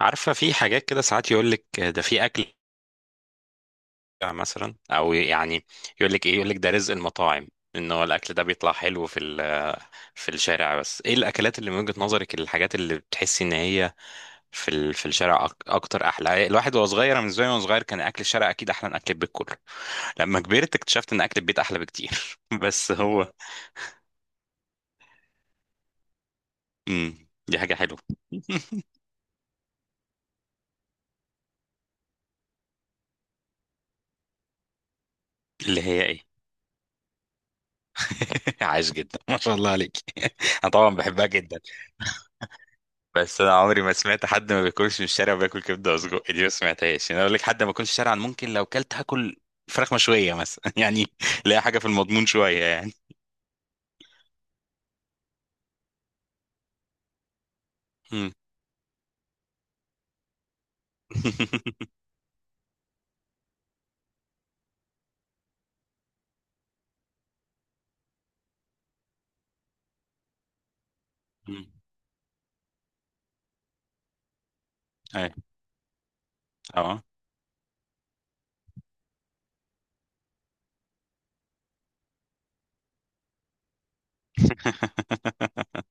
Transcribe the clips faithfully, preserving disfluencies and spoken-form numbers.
عارفة؟ في حاجات كده ساعات يقول لك ده في أكل مثلا، أو يعني يقول لك إيه، يقول لك ده رزق المطاعم، إن هو الأكل ده بيطلع حلو في ال- في الشارع. بس إيه الأكلات اللي من وجهة نظرك الحاجات اللي بتحسي إن هي في ال- في الشارع أك- أكتر أحلى؟ الواحد وهو صغير، أنا بالنسبة لي وأنا صغير كان أكل الشارع أكيد أحلى من أكل البيت كله. لما كبرت اكتشفت إن أكل البيت أحلى بكتير بس هو امم دي حاجة حلوة. اللي هي إيه؟ عاش جدا، ما شاء الله عليك أنا طبعا بحبها جدا. بس انا عمري ما سمعت حد ما بياكلش من الشارع وبياكل كبده وسجق، دي ما سمعتهاش. يعني اقول لك حد ما بياكلش شارعا ممكن لو كلت هاكل فراخ مشويه مثلا يعني لا، حاجه في المضمون شويه يعني. مم. مم. اي، اه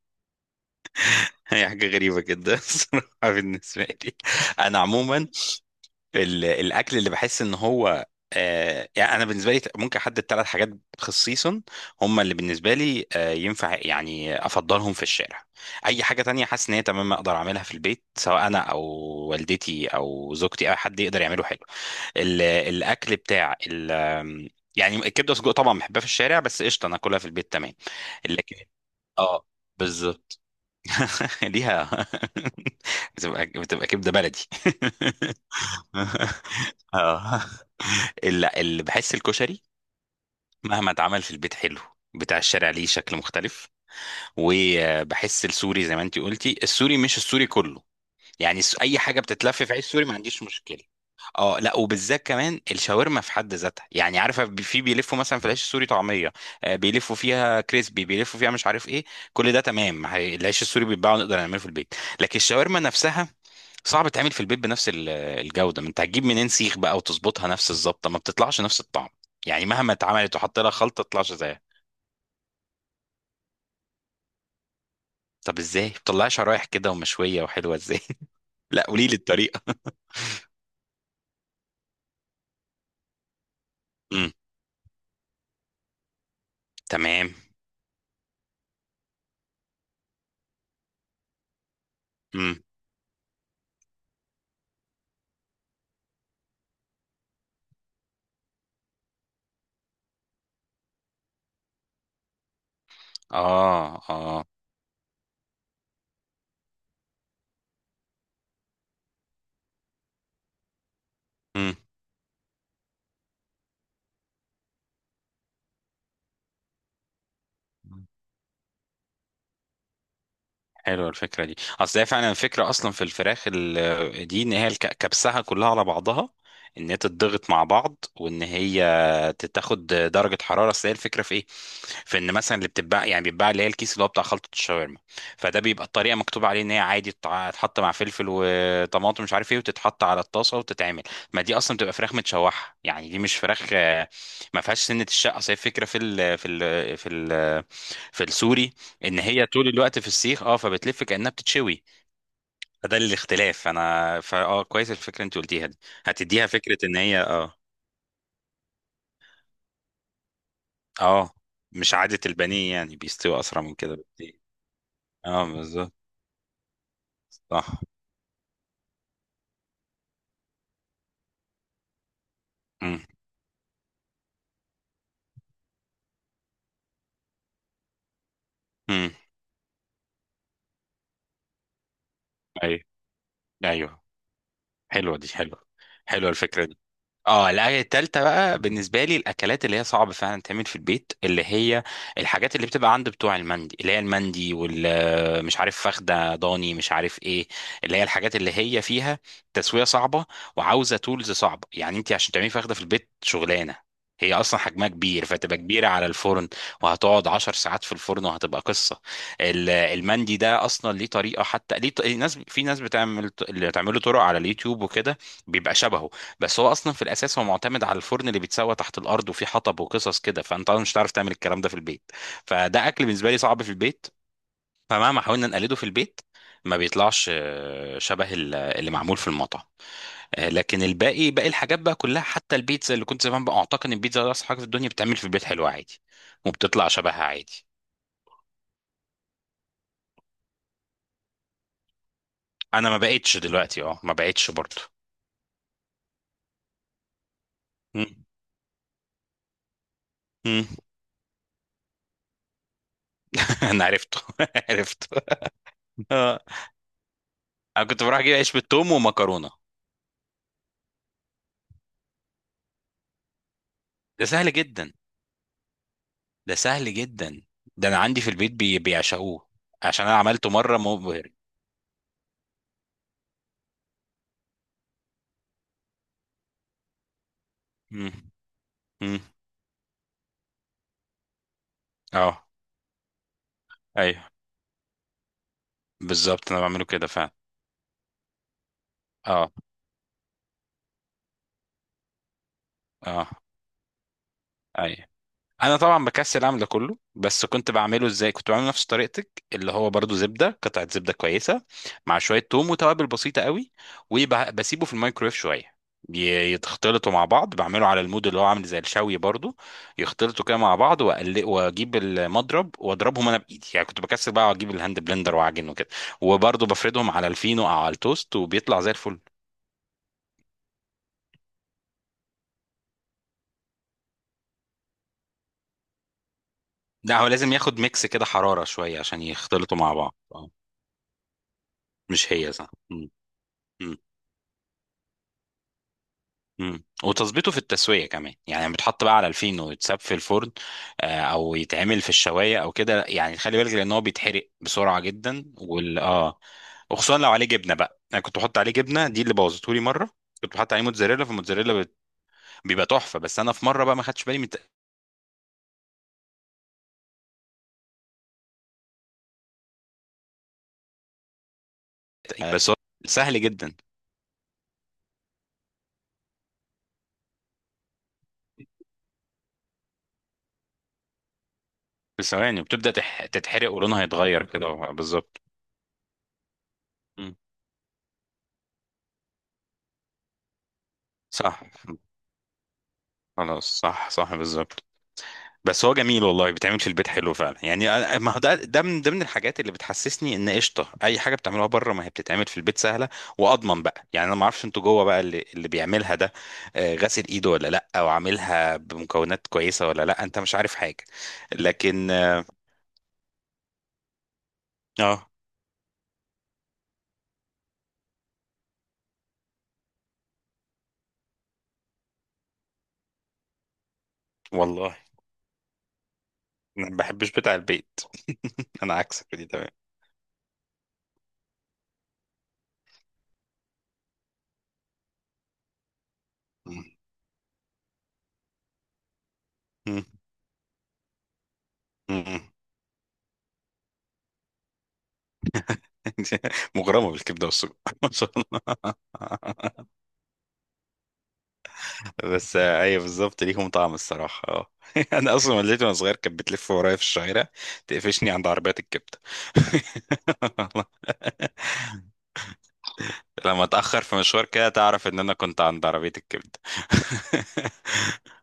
هي حاجه غريبه جدا الصراحه بالنسبه لي. انا عموما ال- الاكل اللي بحس ان هو آه يعني انا بالنسبه لي ممكن احدد ثلاث حاجات خصيصا هم اللي بالنسبه لي آه ينفع يعني افضلهم في الشارع. اي حاجه تانية حاسس ان هي تمام اقدر اعملها في البيت، سواء انا او والدتي او زوجتي او حد يقدر يعمله حلو. ال- الاكل بتاع ال آم، يعني الكبده والسجق طبعا بحبها في الشارع، بس قشطه انا اكلها في البيت تمام. لكن اه بالظبط ليها بتبقى بتبقى كبده بلدي اه لا، اللي بحس الكشري مهما اتعمل في البيت حلو، بتاع الشارع ليه شكل مختلف. وبحس السوري زي ما انتي قلتي، السوري مش السوري كله. يعني الس- اي حاجه بتتلف في عيش سوري ما عنديش مشكله. اه لا، وبالذات كمان الشاورما في حد ذاتها. يعني عارفه بي- في بيلفوا مثلا في العيش السوري طعميه، آه، بيلفوا فيها كريسبي، بيلفوا فيها مش عارف ايه. كل ده تمام. هي- العيش السوري بيتباع ونقدر نعمله في البيت. لكن الشاورما نفسها صعب تعمل في البيت بنفس ال- الجودة. ما انت هتجيب منين سيخ بقى وتظبطها نفس الظبطة؟ ما بتطلعش نفس الطعم، يعني مهما اتعملت وحط لها خلطة ما تطلعش زيها. طب ازاي بتطلعها شرايح كده ومشوية وحلوة ازاي؟ لا، قولي لي الطريقة. امم تمام. امم اه اه. امم حلوة الفكرة دي، اصل هي فعلا الفكرة اصلا في الفراخ ال- دي ان هي الك- كبسها كلها على بعضها، ان هي تتضغط مع بعض، وان هي تاخد درجة حرارة. اصل هي الفكرة في ايه؟ في ان مثلا اللي بتتباع يعني بيتباع اللي هي الكيس اللي هو بتاع خلطة الشاورما. فده بيبقى الطريقة مكتوب عليه ان هي عادي تتع- تتحط مع فلفل وطماطم مش عارف ايه، وتتحط على الطاسة وتتعمل. ما دي اصلا بتبقى فراخ متشوحة، يعني دي مش فراخ آه، ما فيهاش سنة الشقة. اصل هي الفكرة في ال في ال في ال في السوري ان هي طول الوقت في السيخ، اه، فبتلف كانها بتتشوي. فده الاختلاف. انا فاه كويس الفكره اللي انت قلتيها دي. هتديها فكره ان هي اه. اه. مش عاده البانيه يعني بيستوي اسرع من كده بكتير. اه بالظبط. صح. امم امم ايوه. ايوه. حلوه، دي حلوه. حلوه الفكره دي. اه لا، هي التالتة بقى بالنسبة لي الأكلات اللي هي صعب فعلا تعمل في البيت، اللي هي الحاجات اللي بتبقى عند بتوع المندي، اللي هي المندي وال آه، مش عارف فخدة ضاني مش عارف ايه، اللي هي الحاجات اللي هي فيها تسوية صعبة وعاوزة تولز صعبة. يعني انت عشان تعملي فخدة في البيت شغلانة، هي اصلا حجمها كبير فتبقى كبيره على الفرن، وهتقعد عشر ساعات في الفرن وهتبقى قصه. ال- المندي ده اصلا ليه طريقه، حتى ليه ط- ناس في ناس بتعمل اللي بتعمله طرق على اليوتيوب وكده، بيبقى شبهه. بس هو اصلا في الاساس هو معتمد على الفرن اللي بيتسوى تحت الارض وفيه حطب وقصص كده، فانت أصلاً مش هتعرف تعمل الكلام ده في البيت. فده اكل بالنسبه لي صعب في البيت، فمهما حاولنا نقلده في البيت ما بيطلعش آه، شبه ال- اللي معمول في المطعم. آه، لكن الباقي باقي الحاجات بقى كلها، حتى البيتزا اللي كنت زمان بقى اعتقد ان البيتزا ده اصعب حاجه في الدنيا، بتعمل في البيت حلوه عادي وبتطلع شبهها عادي. انا ما بقتش دلوقتي، اه، ما بقتش برضه. مم. مم. انا عرفته عرفته. آه. انا كنت بروح اجيب عيش بالثوم ومكرونه. ده سهل جدا. ده سهل جدا. ده انا عندي في البيت بي... بيعشقوه، عشان انا عملته مره مبهر. امم امم اه. ايوه بالظبط، انا بعمله كده فعلا. اه. اه. ايوه. انا طبعا بكسل اعمل ده كله، بس كنت بعمله ازاي؟ كنت بعمله نفس طريقتك، اللي هو برضو زبده، قطعه زبده كويسه مع شويه توم وتوابل بسيطه قوي، وبسيبه في الميكرويف شويه ي- يتخلطوا مع بعض، بعمله على المود اللي هو عامل زي الشوي، برضو يختلطوا كده مع بعض، واقلق واجيب المضرب واضربهم انا بايدي. يعني كنت بكسل بقى واجيب الهاند بلندر واعجن وكده، وبرضو بفردهم على الفينو او على التوست، وبيطلع زي الفل. لا هو لازم ياخد ميكس كده، حراره شويه عشان يختلطوا مع بعض آه. مش هي، صح. مم. مم. وتظبيطه في التسوية كمان، يعني بيتحط بقى على الفين ويتساب في الفرن، آه، او يتعمل في الشواية او كده. يعني خلي بالك، لان هو بيتحرق بسرعة جدا، وال اه وخصوصا لو عليه جبنة بقى. انا كنت بحط عليه جبنة، دي اللي بوظته لي مرة. كنت بحط عليه موتزاريلا، فالموتزاريلا بت... بيبقى تحفة. بس انا في مرة بقى ما خدتش بالي من الت- آه، بس هو سهل جدا. في ثواني وبتبدأ تح... تتحرق ولونها يتغير كده، بالظبط. مم. صح. خلاص، صح صح، بالظبط. بس هو جميل والله، بيتعمل في البيت حلو فعلا. يعني أنا- ما هو ده، ده من ضمن الحاجات اللي بتحسسني ان قشطه اي حاجه بتعملوها بره ما هي بتتعمل في البيت سهله، واضمن بقى. يعني انا ما اعرفش انتوا جوه بقى اللي اللي بيعملها ده آه، غاسل ايده ولا لا، او عاملها بمكونات كويسه ولا لا، انت مش عارف حاجه. لكن اه آه، والله، انا ما بحبش بتاع البيت انا عكسك في دي تمام. مم. مم. مغرمه بالكبده والسجق ما شاء الله. بس آه، ايوه بالظبط، ليهم طعم الصراحه، اه. انا اصلا والدتي وانا صغير كانت بتلف ورايا في الشوارع تقفشني عند عربيات الكبده والله. لما اتاخر في مشوار كده تعرف ان انا كنت عند عربيه الكبده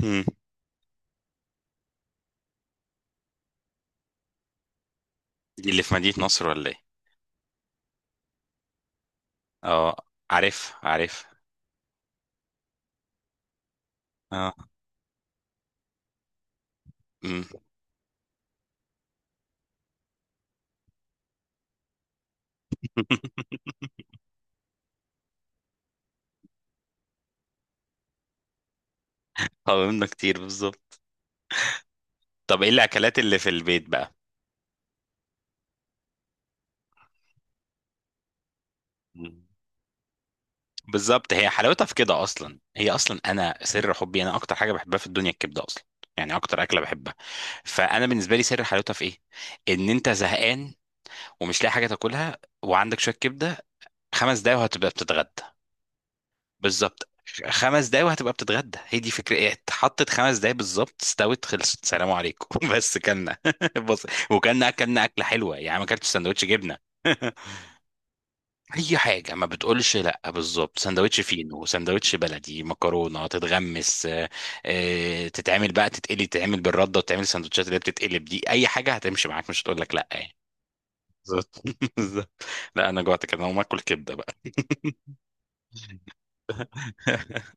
مم. دي اللي في مدينه نصر ولا ايه؟ اه، عارف عارف. اه. مم. قاومنا كتير، بالظبط. طب ايه الاكلات اللي في البيت بقى؟ بالظبط، هي حلاوتها في كده اصلا. هي اصلا انا سر حبي، انا اكتر حاجه بحبها في الدنيا الكبده اصلا، يعني اكتر اكله بحبها. فانا بالنسبه لي سر حلاوتها في ايه؟ ان انت زهقان ومش لاقي حاجه تاكلها وعندك شويه كبده، خمس دقايق وهتبقى بتتغدى. بالظبط، خمس دقايق وهتبقى بتتغدى. هي دي فكره ايه، اتحطت خمس دقايق بالظبط، استوت، خلصت، سلام عليكم بس كلنا بص، وكلنا اكلنا اكله حلوه. يعني ما اكلتش سندوتش جبنه اي حاجه ما بتقولش لا، بالظبط. سندوتش فينو، سندوتش بلدي، مكرونه تتغمس، آه، آه، تتعمل بقى، تتقلي، تتعمل بالرده، وتتعمل السندوتشات اللي هي بتتقلب دي. اي حاجه هتمشي معاك، مش هتقول لك لا يعني. بالظبط بالظبط. لا، انا جوعت كده، انا هقوم اكل كبده بقى